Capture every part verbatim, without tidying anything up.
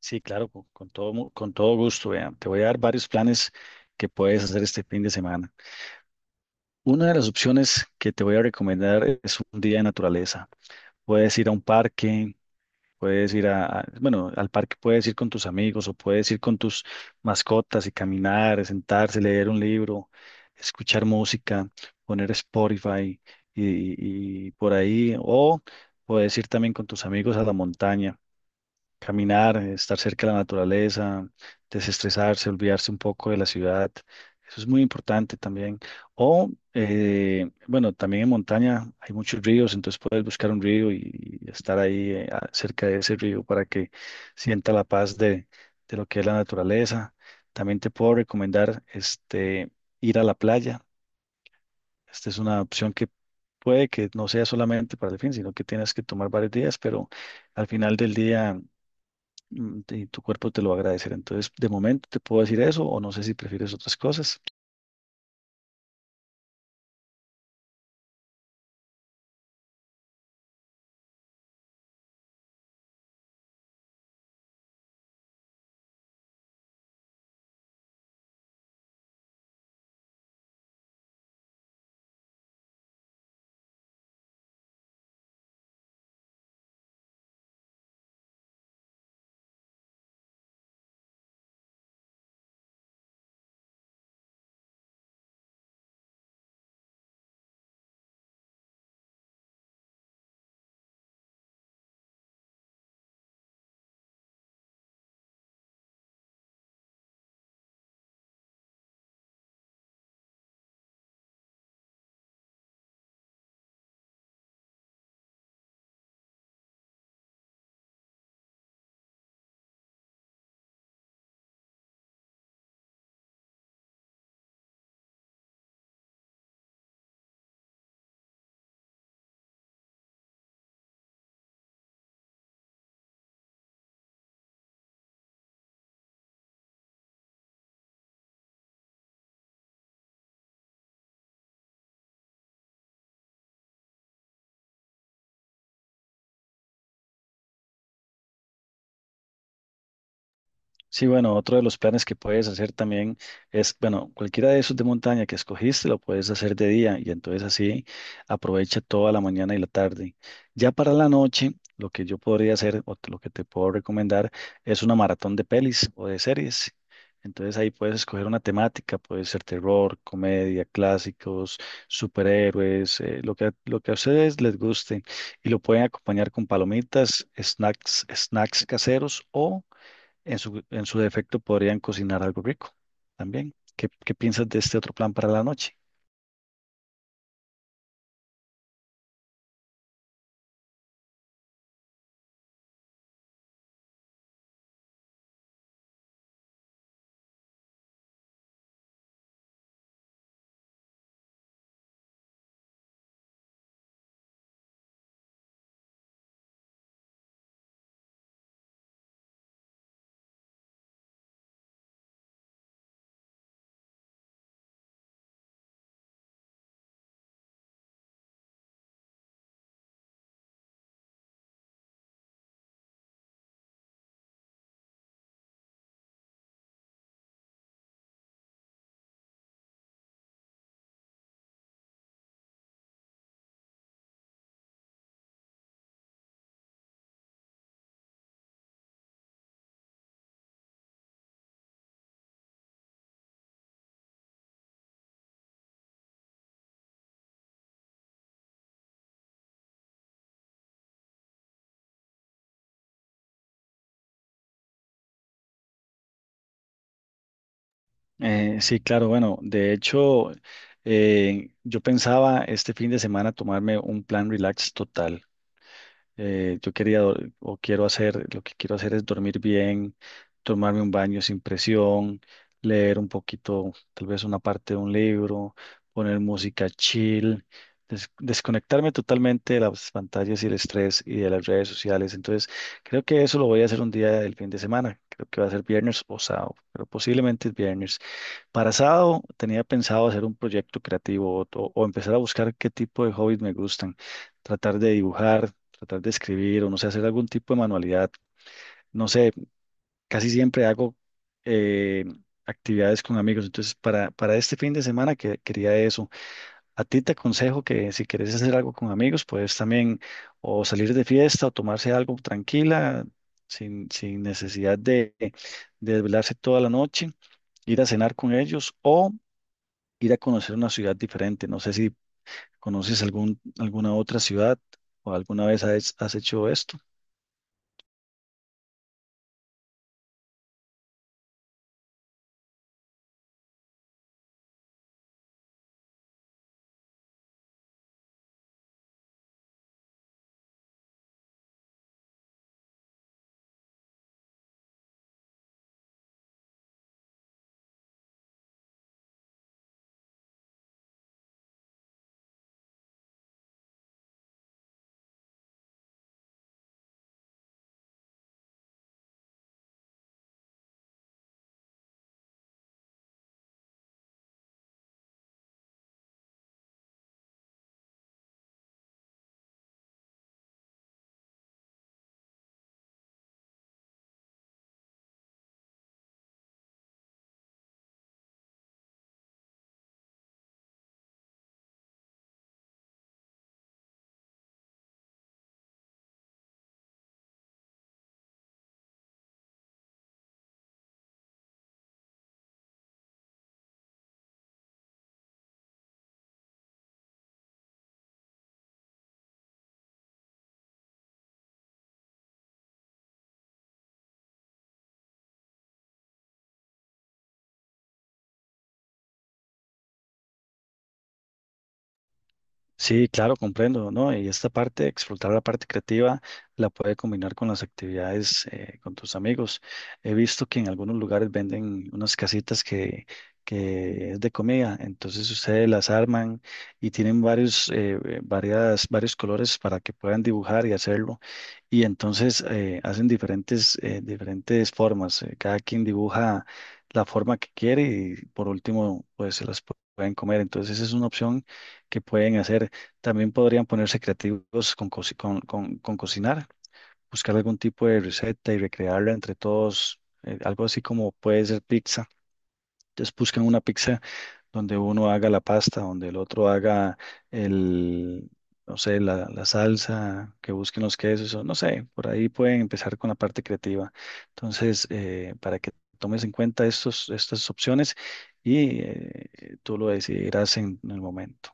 Sí, claro, con, con todo, mu- con todo gusto, vean. Te voy a dar varios planes que puedes hacer este fin de semana. Una de las opciones que te voy a recomendar es un día de naturaleza. Puedes ir a un parque, puedes ir a, a- bueno, al parque puedes ir con tus amigos o puedes ir con tus mascotas y caminar, sentarse, leer un libro, escuchar música, poner Spotify y, y por ahí. O puedes ir también con tus amigos a la montaña. Caminar, estar cerca de la naturaleza, desestresarse, olvidarse un poco de la ciudad. Eso es muy importante también. O, eh, bueno, también en montaña hay muchos ríos, entonces puedes buscar un río y, y estar ahí eh, a- cerca de ese río para que sienta la paz de, de lo que es la naturaleza. También te puedo recomendar este, ir a la playa. Esta es una opción que puede que no sea solamente para el fin, sino que tienes que tomar varios días, pero al final del día mm, y tu cuerpo te lo va a agradecer. Entonces, de momento te puedo decir eso o no sé si prefieres otras cosas. Sí, bueno, otro de los planes que puedes hacer también es, bueno, cualquiera de esos de montaña que escogiste lo puedes hacer de día y entonces así aprovecha toda la mañana y la tarde. Ya para la noche, lo que yo podría hacer o lo que te puedo recomendar es una maratón de pelis o de series. Entonces ahí puedes escoger una temática, puede ser terror, comedia, clásicos, superhéroes, eh, lo que, lo que a ustedes les guste y lo pueden acompañar con palomitas, snacks, snacks caseros o en su, en su defecto podrían cocinar algo rico también. ¿Qué, qué piensas de este otro plan para la noche? Eh,, sí, claro, bueno, de hecho, eh, yo pensaba este fin de semana tomarme un plan relax total. Eh, yo quería dor- o quiero hacer, lo que quiero hacer es dormir bien, tomarme un baño sin presión, leer un poquito, tal vez una parte de un libro, poner música chill, des- desconectarme totalmente de las pantallas y el estrés y de las redes sociales. Entonces, creo que eso lo voy a hacer un día del fin de semana. Creo que va a ser viernes o sábado, pero posiblemente es viernes. Para sábado tenía pensado hacer un proyecto creativo o, o empezar a buscar qué tipo de hobbies me gustan, tratar de dibujar, tratar de escribir o no sé, hacer algún tipo de manualidad. No sé, casi siempre hago eh, actividades con amigos, entonces para, para este fin de semana que, quería eso. A ti te aconsejo que si quieres hacer algo con amigos, puedes también o salir de fiesta o tomarse algo tranquila, sin, sin necesidad de, de desvelarse toda la noche, ir a cenar con ellos o ir a conocer una ciudad diferente. No sé si conoces algún, alguna otra ciudad o alguna vez has, has hecho esto. Sí, claro, comprendo, ¿no? Y esta parte, explotar la parte creativa, la puede combinar con las actividades eh, con tus amigos. He visto que en algunos lugares venden unas casitas que, que es de comida, entonces ustedes las arman y tienen varios, eh, eh, varias, varios colores para que puedan dibujar y hacerlo. Y entonces eh, hacen diferentes, eh, diferentes formas. Eh, cada quien dibuja la forma que quiere y por último, pues se las pu- pueden comer. Entonces esa es una opción que pueden hacer. También podrían ponerse creativos con, cosi- con, con- con cocinar, buscar algún tipo de receta y recrearla entre todos, eh, algo así como puede ser pizza. Entonces buscan una pizza donde uno haga la pasta, donde el otro haga el, no sé, la, la salsa, que busquen los quesos, o no sé, por ahí pueden empezar con la parte creativa. Entonces, eh, para que tomes en cuenta estos, estas opciones y eh, tú lo decidirás en en el momento.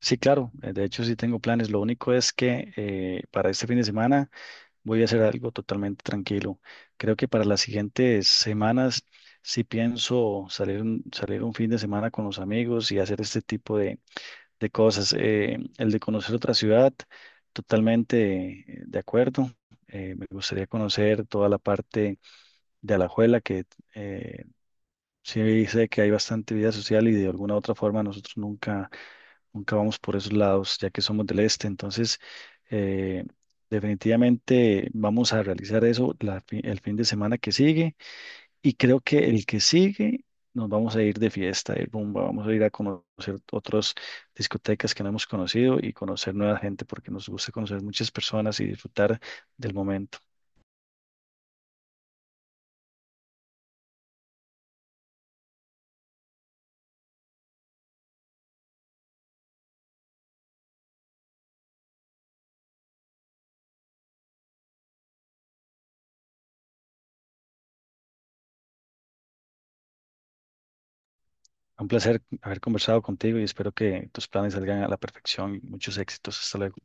Sí, claro, eh, de hecho sí tengo planes. Lo único es que eh, para este fin de semana voy a hacer algo totalmente tranquilo. Creo que para las siguientes semanas sí pienso salir un, salir un fin de semana con los amigos y hacer este tipo de, de cosas. Eh, el de conocer otra ciudad, totalmente eh, de acuerdo. Eh, me gustaría conocer toda la parte de Alajuela, que eh, sí sé que hay bastante vida social y de alguna otra forma nosotros nunca nunca vamos por esos lados, ya que somos del este. Entonces, eh, definitivamente vamos a realizar eso la fi- el fin de semana que sigue. Y creo que el que sigue nos vamos a ir de fiesta, de rumba, vamos a ir a conocer otras discotecas que no hemos conocido y conocer nueva gente, porque nos gusta conocer muchas personas y disfrutar del momento. Un placer haber conversado contigo y espero que tus planes salgan a la perfección y muchos éxitos. Hasta luego.